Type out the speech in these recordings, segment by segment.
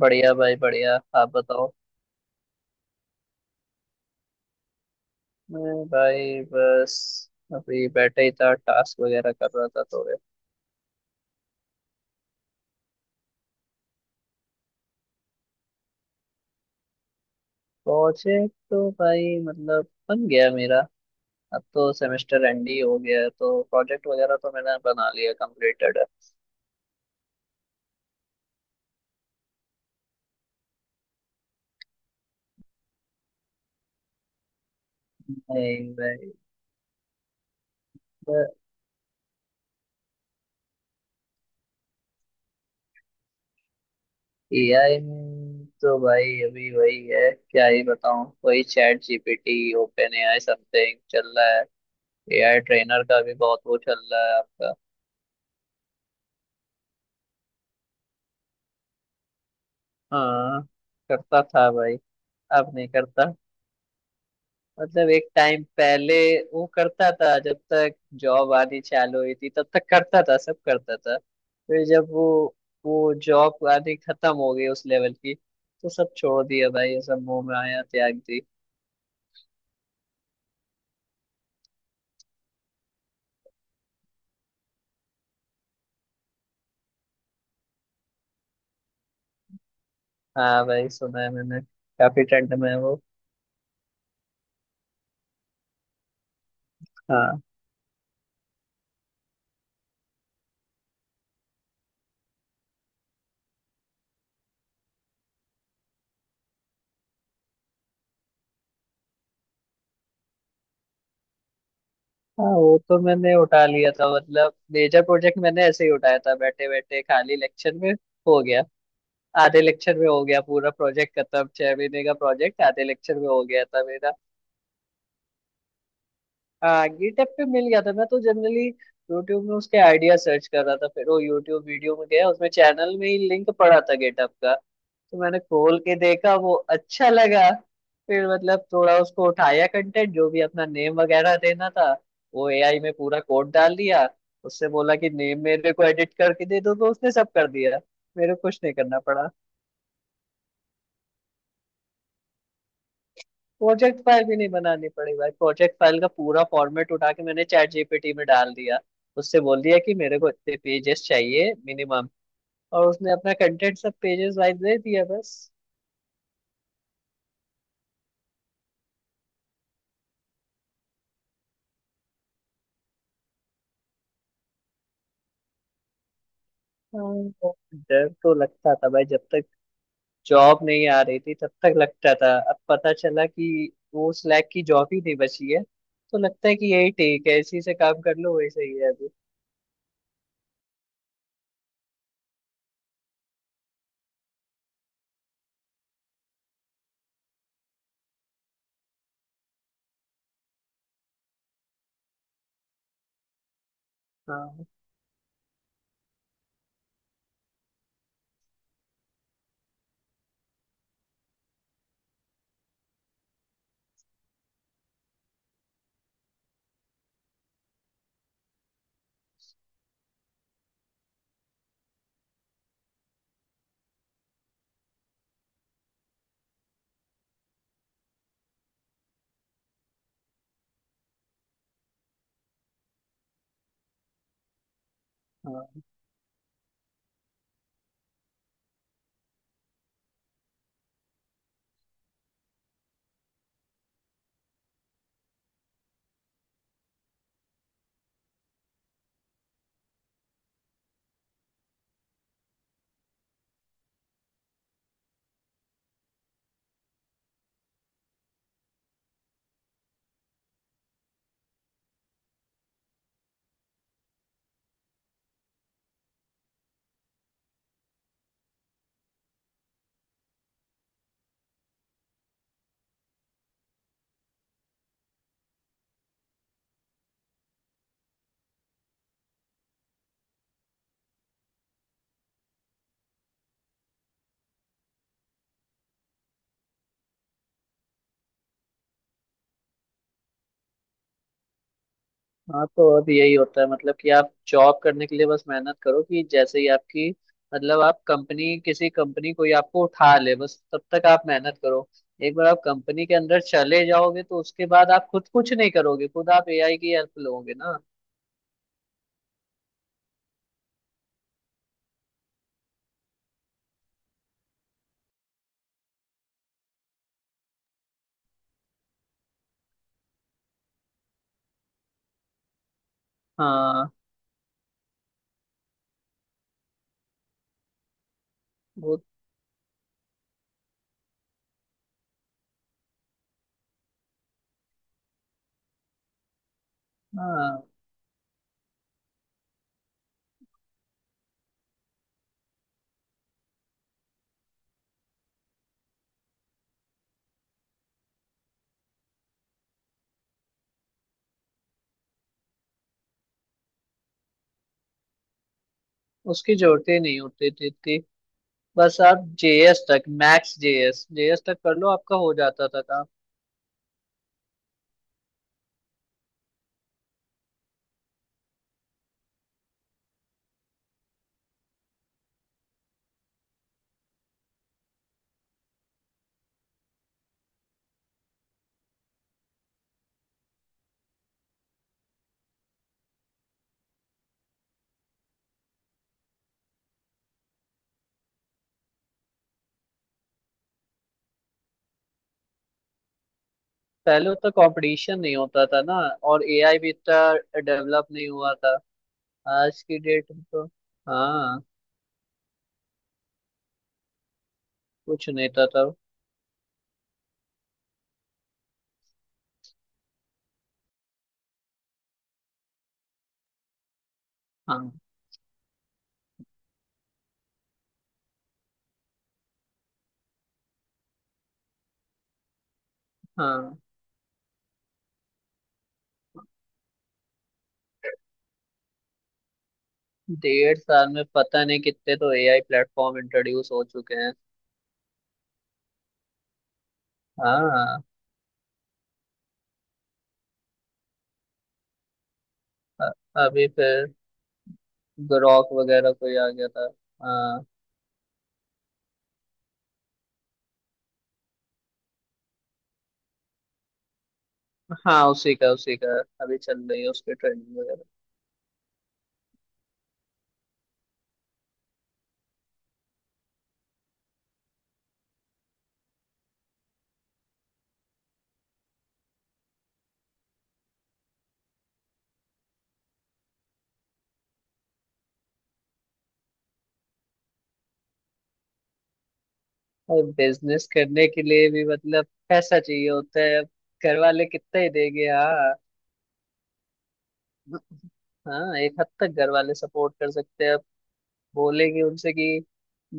बढ़िया भाई, बढ़िया। आप बताओ। मैं भाई बस अभी बैठे ही था, टास्क वगैरह कर रहा था थोड़े। प्रोजेक्ट तो भाई मतलब बन गया मेरा। अब तो सेमेस्टर एंड ही हो गया है, तो प्रोजेक्ट वगैरह तो मैंने बना लिया, कंप्लीटेड है। नहीं भाई। एआई में तो भाई अभी वही है, क्या ही बताऊं, वही chat GPT, open AI something चल रहा है। एआई ट्रेनर का भी बहुत वो चल रहा है आपका। हाँ, करता था भाई। अब नहीं करता। मतलब एक टाइम पहले वो करता था, जब तक जॉब आनी चालू हुई थी तब तक करता था, सब करता था। फिर जब वो जॉब आनी खत्म हो गई उस लेवल की, तो सब छोड़ दिया भाई, ये सब मुंह में आया त्याग दी। हाँ भाई, सुना है मैंने। काफी ठंड में है वो। हाँ। हाँ, वो तो मैंने उठा लिया था। मतलब मेजर प्रोजेक्ट मैंने ऐसे ही उठाया था, बैठे बैठे खाली लेक्चर में हो गया। आधे लेक्चर में हो गया पूरा प्रोजेक्ट खत्म। 6 महीने का प्रोजेक्ट आधे लेक्चर में हो गया था मेरा। हाँ, गिटहब पे मिल गया था। मैं तो जनरली यूट्यूब में उसके आइडिया सर्च कर रहा था, फिर वो यूट्यूब वीडियो में गया, उसमें चैनल में ही लिंक पड़ा था गिटहब का। तो मैंने खोल के देखा, वो अच्छा लगा। फिर मतलब थोड़ा उसको उठाया, कंटेंट जो भी अपना नेम वगैरह देना था वो एआई में पूरा कोड डाल दिया। उससे बोला कि नेम मेरे को एडिट करके दे दो, तो उसने सब कर दिया। मेरे को कुछ नहीं करना पड़ा। प्रोजेक्ट फाइल भी नहीं बनानी पड़ी भाई। प्रोजेक्ट फाइल का पूरा फॉर्मेट उठा के मैंने चैट जीपीटी में डाल दिया। उससे बोल दिया कि मेरे को इतने पेजेस चाहिए मिनिमम, और उसने अपना कंटेंट सब पेजेस वाइज दे दिया बस। हाँ, डर तो लगता था भाई, जब तक जॉब नहीं आ रही थी तब तक लगता था। अब पता चला कि वो स्लैक की जॉब ही नहीं बची है, तो लगता है कि यही ठीक है, इसी से काम कर लो, वही सही है अभी। हाँ, हाँ। हाँ, तो अब यही होता है। मतलब कि आप जॉब करने के लिए बस मेहनत करो, कि जैसे ही आपकी, मतलब आप कंपनी किसी कंपनी कोई आपको उठा ले, बस तब तक आप मेहनत करो। एक बार आप कंपनी के अंदर चले जाओगे तो उसके बाद आप खुद कुछ नहीं करोगे, खुद आप एआई की हेल्प लोगे ना। हाँ। वो हाँ, उसकी जरूरत ही नहीं होती थी इतनी। बस आप जेएस तक, मैक्स जेएस जेएस तक कर लो, आपका हो जाता था काम। पहले उतना कंपटीशन नहीं होता था ना, और एआई भी इतना डेवलप नहीं हुआ था। आज की डेट में तो हाँ, कुछ नहीं था तब। हाँ, हाँ। 1.5 साल में पता नहीं कितने तो एआई प्लेटफॉर्म इंट्रोड्यूस हो चुके हैं। हाँ। अ- अभी फिर ग्रॉक वगैरह कोई आ गया था। हाँ। हाँ, उसी का, उसी का। अभी चल रही है उसकी ट्रेनिंग वगैरह। और बिजनेस करने के लिए भी मतलब पैसा चाहिए होता है अब। घर वाले कितना ही देंगे। हाँ। हाँ, एक हद तक घर वाले सपोर्ट कर सकते हैं। बोलेंगे उनसे कि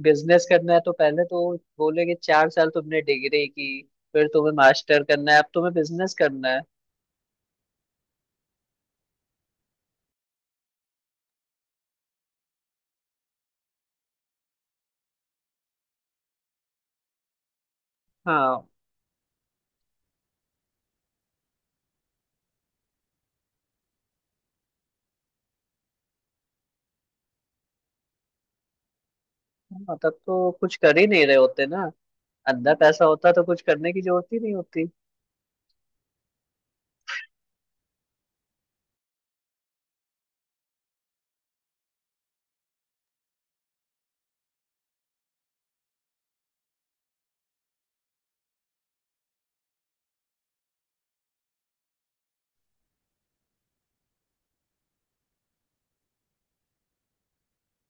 बिजनेस करना है, तो पहले तो बोलेंगे 4 साल तुमने डिग्री की, फिर तुम्हें मास्टर करना है, अब तुम्हें बिजनेस करना है। हाँ, हाँ, तब तो कुछ कर ही नहीं रहे होते ना। अंदर पैसा होता तो कुछ करने की जरूरत ही नहीं होती।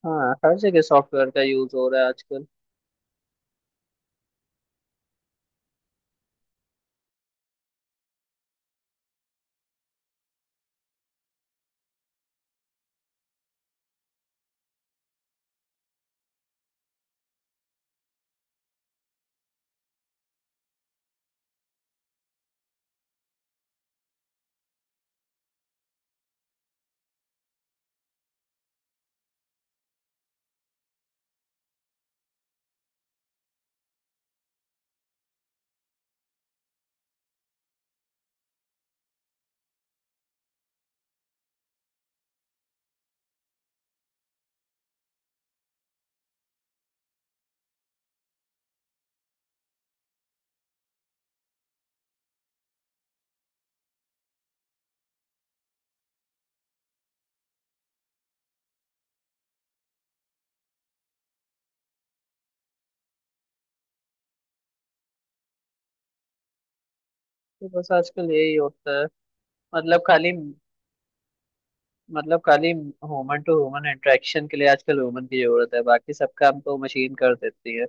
हाँ, हर जगह सॉफ्टवेयर का यूज हो रहा है आजकल। तो बस आजकल यही होता है। मतलब खाली मतलब खाली ह्यूमन टू ह्यूमन इंटरेक्शन के लिए आजकल ह्यूमन की जरूरत है, बाकी सब काम तो मशीन कर देती है।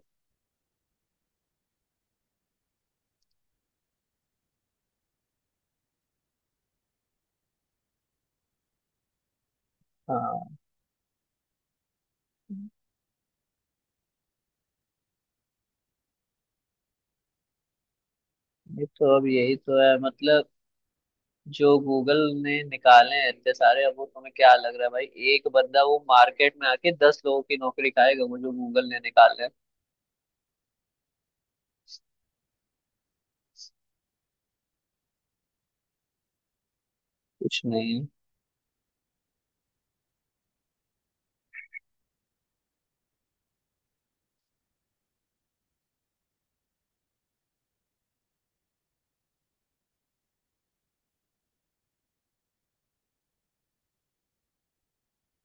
हाँ, ये तो अब यही तो है मतलब। जो गूगल ने निकाले हैं इतने सारे, अब वो तुम्हें क्या लग रहा है भाई, एक बंदा वो मार्केट में आके 10 लोगों की नौकरी खाएगा, वो जो गूगल ने निकाले हैं। कुछ नहीं है।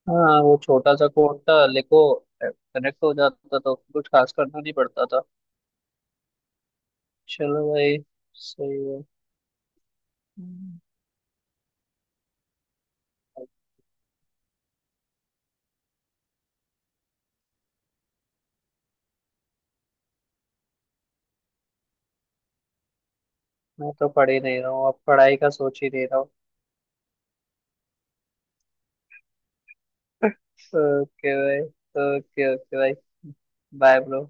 हाँ, वो छोटा सा कोड था, लिखो, कनेक्ट हो जाता था, कुछ खास करना नहीं पड़ता था। चलो भाई, सही है। हम्म। मैं तो पढ़ ही नहीं रहा हूँ, अब पढ़ाई का सोच ही नहीं रहा हूँ। ओके भाई। ओके ओके भाई। Bye bro.